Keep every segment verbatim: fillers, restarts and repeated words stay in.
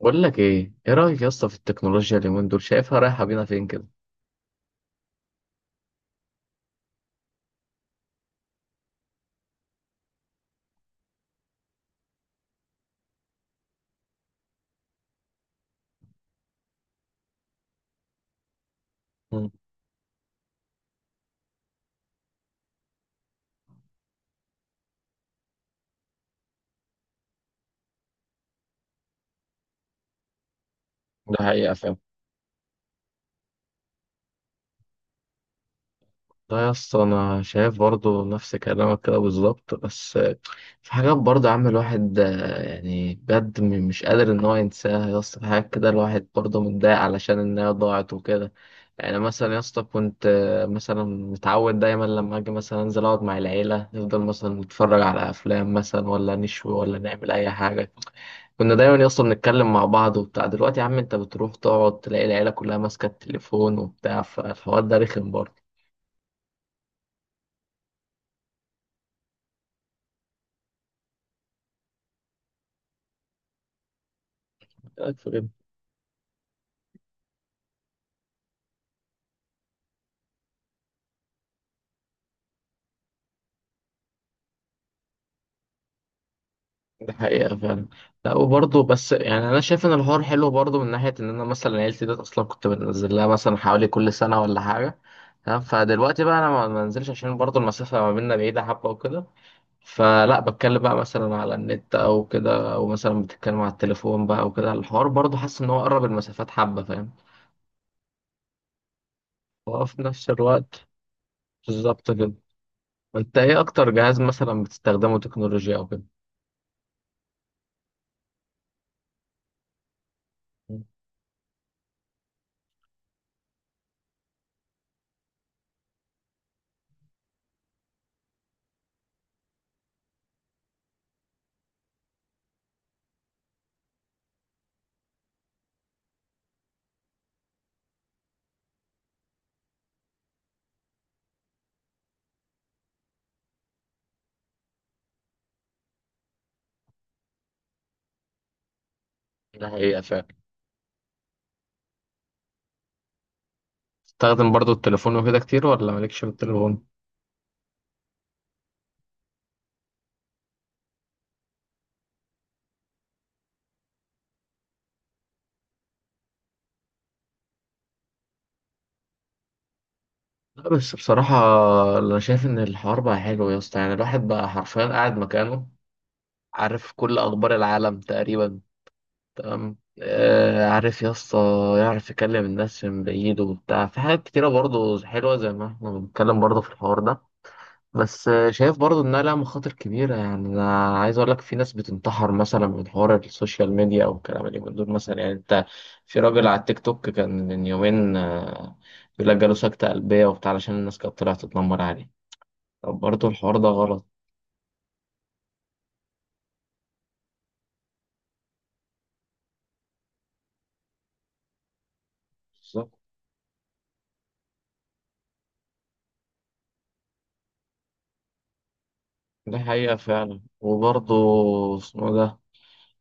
بقول لك ايه ايه رايك يا اسطى في التكنولوجيا اليومين دول شايفها رايحه بينا فين كده. مم. ده حقيقة فعلا. لا يا اسطى انا شايف برضو نفس كلامك كده بالظبط، بس في حاجات برضو يا عم الواحد آه، يعني بجد م- مش قادر ان هو ينساها يا اسطى، في حاجات كده الواحد برضو متضايق علشان انها ضاعت وكده. يعني مثلا يا اسطى كنت آه، مثلا متعود دايما لما اجي مثلا انزل اقعد مع العيله نفضل مثلا نتفرج على افلام مثلا ولا نشوي ولا نعمل اي حاجه. كنا دايما يا اسطى بنتكلم مع بعض وبتاع، دلوقتي يا عم انت بتروح تقعد تلاقي العيله كلها ماسكه التليفون وبتاع، فالحوار ده رخم برضه. رأيك في كده؟ ده حقيقه فعلا. لا وبرضه بس يعني انا شايف ان الحوار حلو برضه، من ناحيه ان انا مثلا عيلتي ديت اصلا كنت بنزل لها مثلا حوالي كل سنه ولا حاجه. تمام، فدلوقتي بقى انا ما ما بنزلش عشان برضه المسافه ما بيننا بعيده حبه وكده. فلا بتكلم بقى مثلا على النت او كده، او مثلا بتتكلم على التليفون بقى وكده، الحوار برضه حاسس ان هو قرب المسافات حبه، فاهم. وفي نفس الوقت بالظبط كده. انت ايه اكتر جهاز مثلا بتستخدمه تكنولوجيا او كده؟ ده حقيقة فعلا. بتستخدم برضو التليفون وكده كتير ولا مالكش في التليفون؟ لا بس بصراحة انا شايف ان الحوار بقى حلو يا اسطى، يعني الواحد بقى حرفيا قاعد مكانه عارف كل اخبار العالم تقريبا. تمام. آه عارف يا اسطى. يعرف يكلم الناس من بعيد وبتاع، في حاجات كتيرة برضو حلوة زي ما احنا بنتكلم برضو في الحوار ده. بس شايف برضو انها لها مخاطر كبيره، يعني انا عايز اقول لك في ناس بتنتحر مثلا من حوار السوشيال ميديا او الكلام اللي من دول مثلا، يعني انت. في راجل على التيك توك كان من يومين آه، بيقول لك جاله سكته قلبيه وبتاع علشان الناس كانت طلعت تتنمر عليه. طب برضو الحوار ده غلط. بالظبط. دي حقيقه فعلا وبرضو اسمه ده.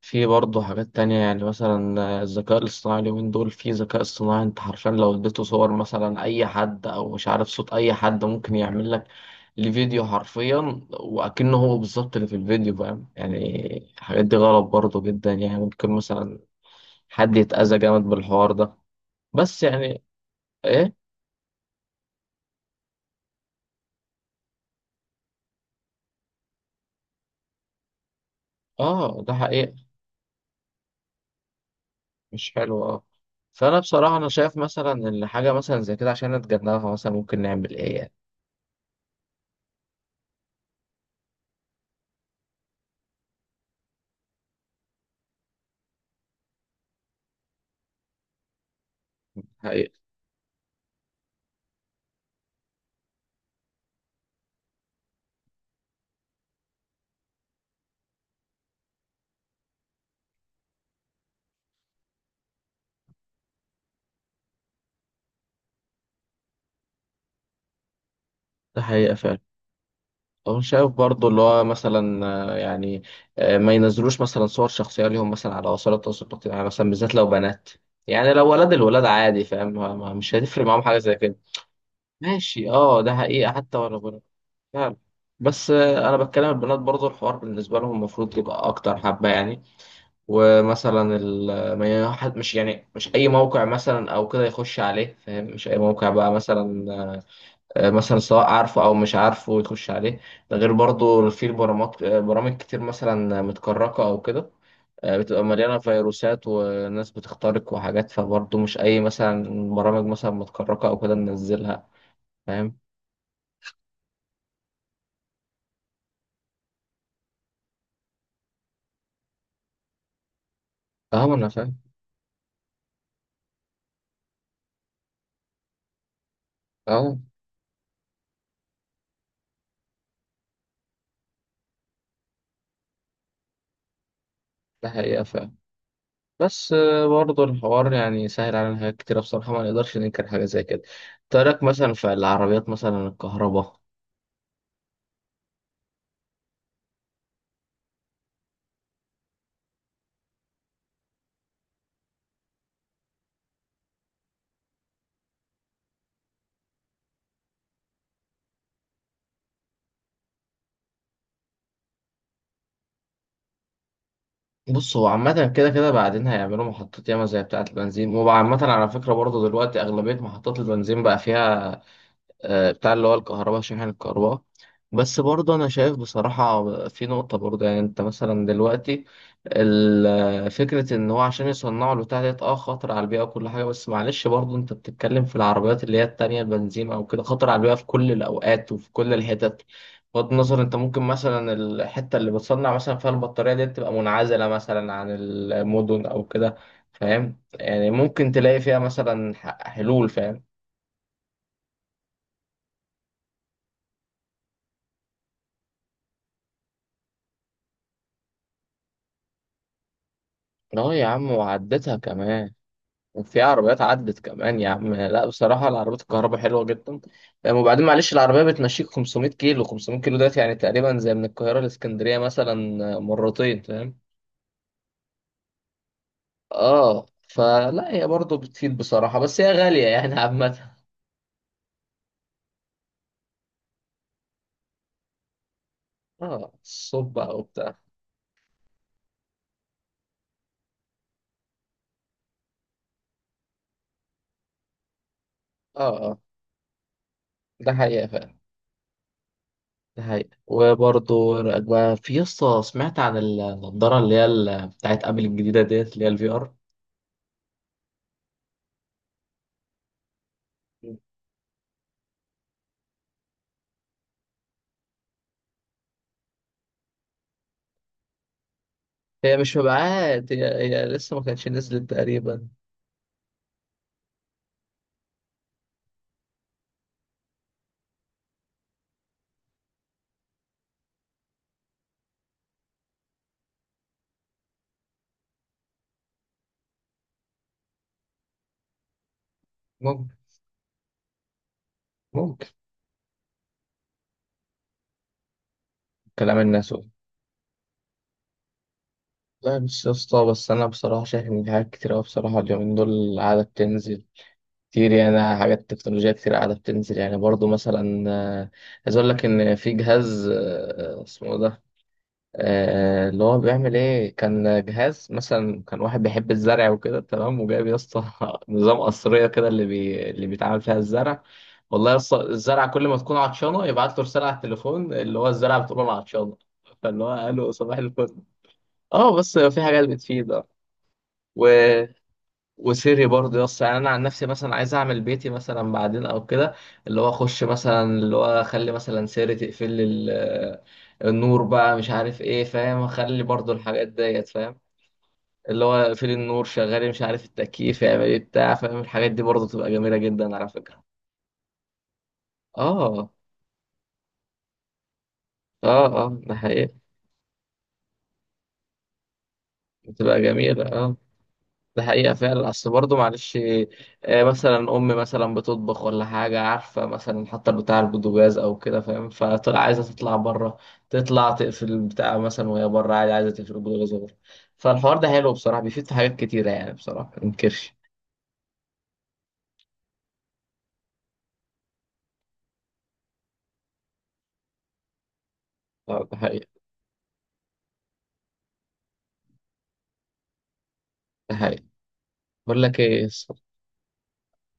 في برضه حاجات تانية، يعني مثلا آه، الذكاء الاصطناعي اليومين دول في ذكاء اصطناعي انت حرفيا لو اديته صور مثلا أي حد أو مش عارف صوت أي حد ممكن يعمل لك الفيديو حرفيا وأكنه هو بالظبط اللي في الفيديو، فاهم يعني. الحاجات دي غلط برضه جدا، يعني ممكن مثلا حد يتأذى جامد بالحوار ده. بس يعني إيه. آه ده حقيقة. مش حلو آه. فأنا بصراحة أنا شايف مثلا إن حاجة مثلا زي كده عشان نتجنبها مثلا ممكن نعمل إيه يعني. حقيقة. ده حقيقة فعلا. أو شايف برضه اللي هو مثلا آه، يعني آه، ما- ينزلوش مثلا صور شخصية ليهم مثلا على وسائل التواصل الاجتماعي مثلا، بالذات لو بنات. يعني لو ولاد، الولاد عادي فاهم، ما- ما- مش هتفرق معاهم حاجة زي كده. ماشي اه ده حقيقة حتى ولو بنات. فعلا. بس آه، أنا بتكلم البنات برضه الحوار بالنسبة لهم المفروض يبقى أكتر حبة يعني. ومثلا ال- ما ي- حد- مش يعني مش أي موقع مثلا أو كده يخش عليه، فاهم؟ مش أي موقع بقى مثلا آه، مثلا سواء عارفه او مش عارفه يخش عليه. ده غير برضو في برامج برامج كتير مثلا متكركه او كده آه، بتبقى مليانه فيروسات وناس بتخترق وحاجات، فبرضو مش اي مثلا برامج مثلا متكركه او كده ننزلها، فاهم. اه انا فاهم. اه ده حقيقه فاهم. بس آه، برضو الحوار يعني سهل علينا حاجات كتيرة بصراحة، ما نقدرش ننكر حاجة زي كده. ترك مثلا في العربيات مثلا الكهرباء. بص هو عامة كده كده بعدين هيعملوا محطات ياما زي بتاعة البنزين، وعامة على فكرة برضه دلوقتي أغلبية محطات البنزين بقى فيها آه، بتاع اللي هو الكهرباء، شاحن الكهرباء. بس برضه أنا شايف بصراحة في نقطة برضه، يعني أنت مثلا دلوقتي ال- فكرة إن هو عشان يصنعوا البتاع ديت أه خطر على البيئة وكل حاجة، بس معلش برضه أنت بتتكلم في العربيات اللي هي التانية البنزين أو كده خطر على البيئة في كل الأوقات وفي كل الحتت. بغض النظر أنت ممكن مثلا الحتة اللي بتصنع مثلا فيها البطارية دي تبقى منعزلة مثلا عن المدن أو كده، فاهم يعني؟ ممكن تلاقي فيها مثلا ح- حلول، فاهم. اه يا عم وعدتها كمان، وفي عربيات عدت كمان يا عم. لا بصراحة العربيات الكهرباء حلوة جدا. أم، وبعدين معلش العربية بتمشيك خمسمية كيلو خمسمية كيلو دلوقتي، يعني تقريبا زي من القاهرة لإسكندرية مثلا مرتين، فاهم. اه فلا هي برضه بتفيد بصراحة بس هي غالية يعني عامة. اه الصب بقى وبتاع. اه اه ده حقيقة فعلا. ده حقيقة وبرضه بقى في يسطا سمعت عن النضارة اللي هي ال- بتاعت أبل الجديدة ديت اللي هي الفي ار. هي مش مبيعات، هي هي لسه ما كانتش نزلت تقريبا. ممكن. ممكن. كلام الناس قول. لا مش يا اسطى، بس انا بصراحه شايف ان في حاجات كتير قوي بصراحه اليومين دول قاعده بتنزل كتير، يعني حاجات تكنولوجيا كتير قاعده بتنزل، يعني برضو مثلا آه، عايز اقول لك ان في جهاز آه، اسمه إيه ده آه، اللي هو بيعمل ايه. كان جهاز مثلا كان واحد بيحب الزرع وكده، تمام، وجايب يا اسطى نظام قصرية كده اللي بي... اللي بيتعمل فيها الزرع. والله يا اسطى الزرع كل ما تكون عطشانة يبعت له رسالة على التليفون، اللي هو الزرع بتقول له انا عطشانة، فاللي هو قال له صباح الفل. اه بس في حاجات بتفيد. اه وسري برضه يا اسطى، يعني انا عن نفسي مثلا عايز اعمل بيتي مثلا بعدين او كده اللي هو اخش مثلا اللي هو اخلي مثلا سري تقفل لي ال- النور بقى مش عارف ايه، فاهم؟ اخلي برضه الحاجات ديت فاهم، اللي هو اقفل النور شغالي مش عارف التكييف يعمل ايه بتاع، فاهم؟ الحاجات دي برضه تبقى جميلة جدا على فكرة. اه اه اه ده حقيقي. بتبقى جميلة اه. ده حقيقة فعلا، أصل برضه معلش آه، مثلا أم مثلا بتطبخ ولا حاجة عارفة مثلا حتى بتاع البوتاجاز أو كده، فاهم، فطلع عايزة تطلع بره، تطلع تقفل البتاع مثلا وهي بره عادي، عايزة تقفل البوتاجاز بره. فالحوار ده حلو بصراحة بيفيد في حاجات كتيرة يعني بصراحة منكرش. ده حقيقة. ده حقيقة. بقول لك إيه الص-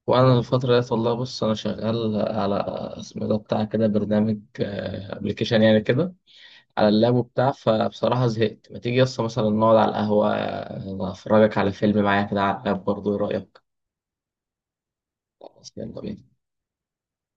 وأنا الفترة ديت والله بص أنا شغال على اسمه ده بتاع كده برنامج أبلكيشن يعني كده، على اللاب وبتاع، فبصراحة زهقت، ما تيجي يسطا مثلا نقعد على القهوة أفرجك على فيلم معايا كده على اللاب برضه، إيه رأيك؟ خلاص، يلا بينا.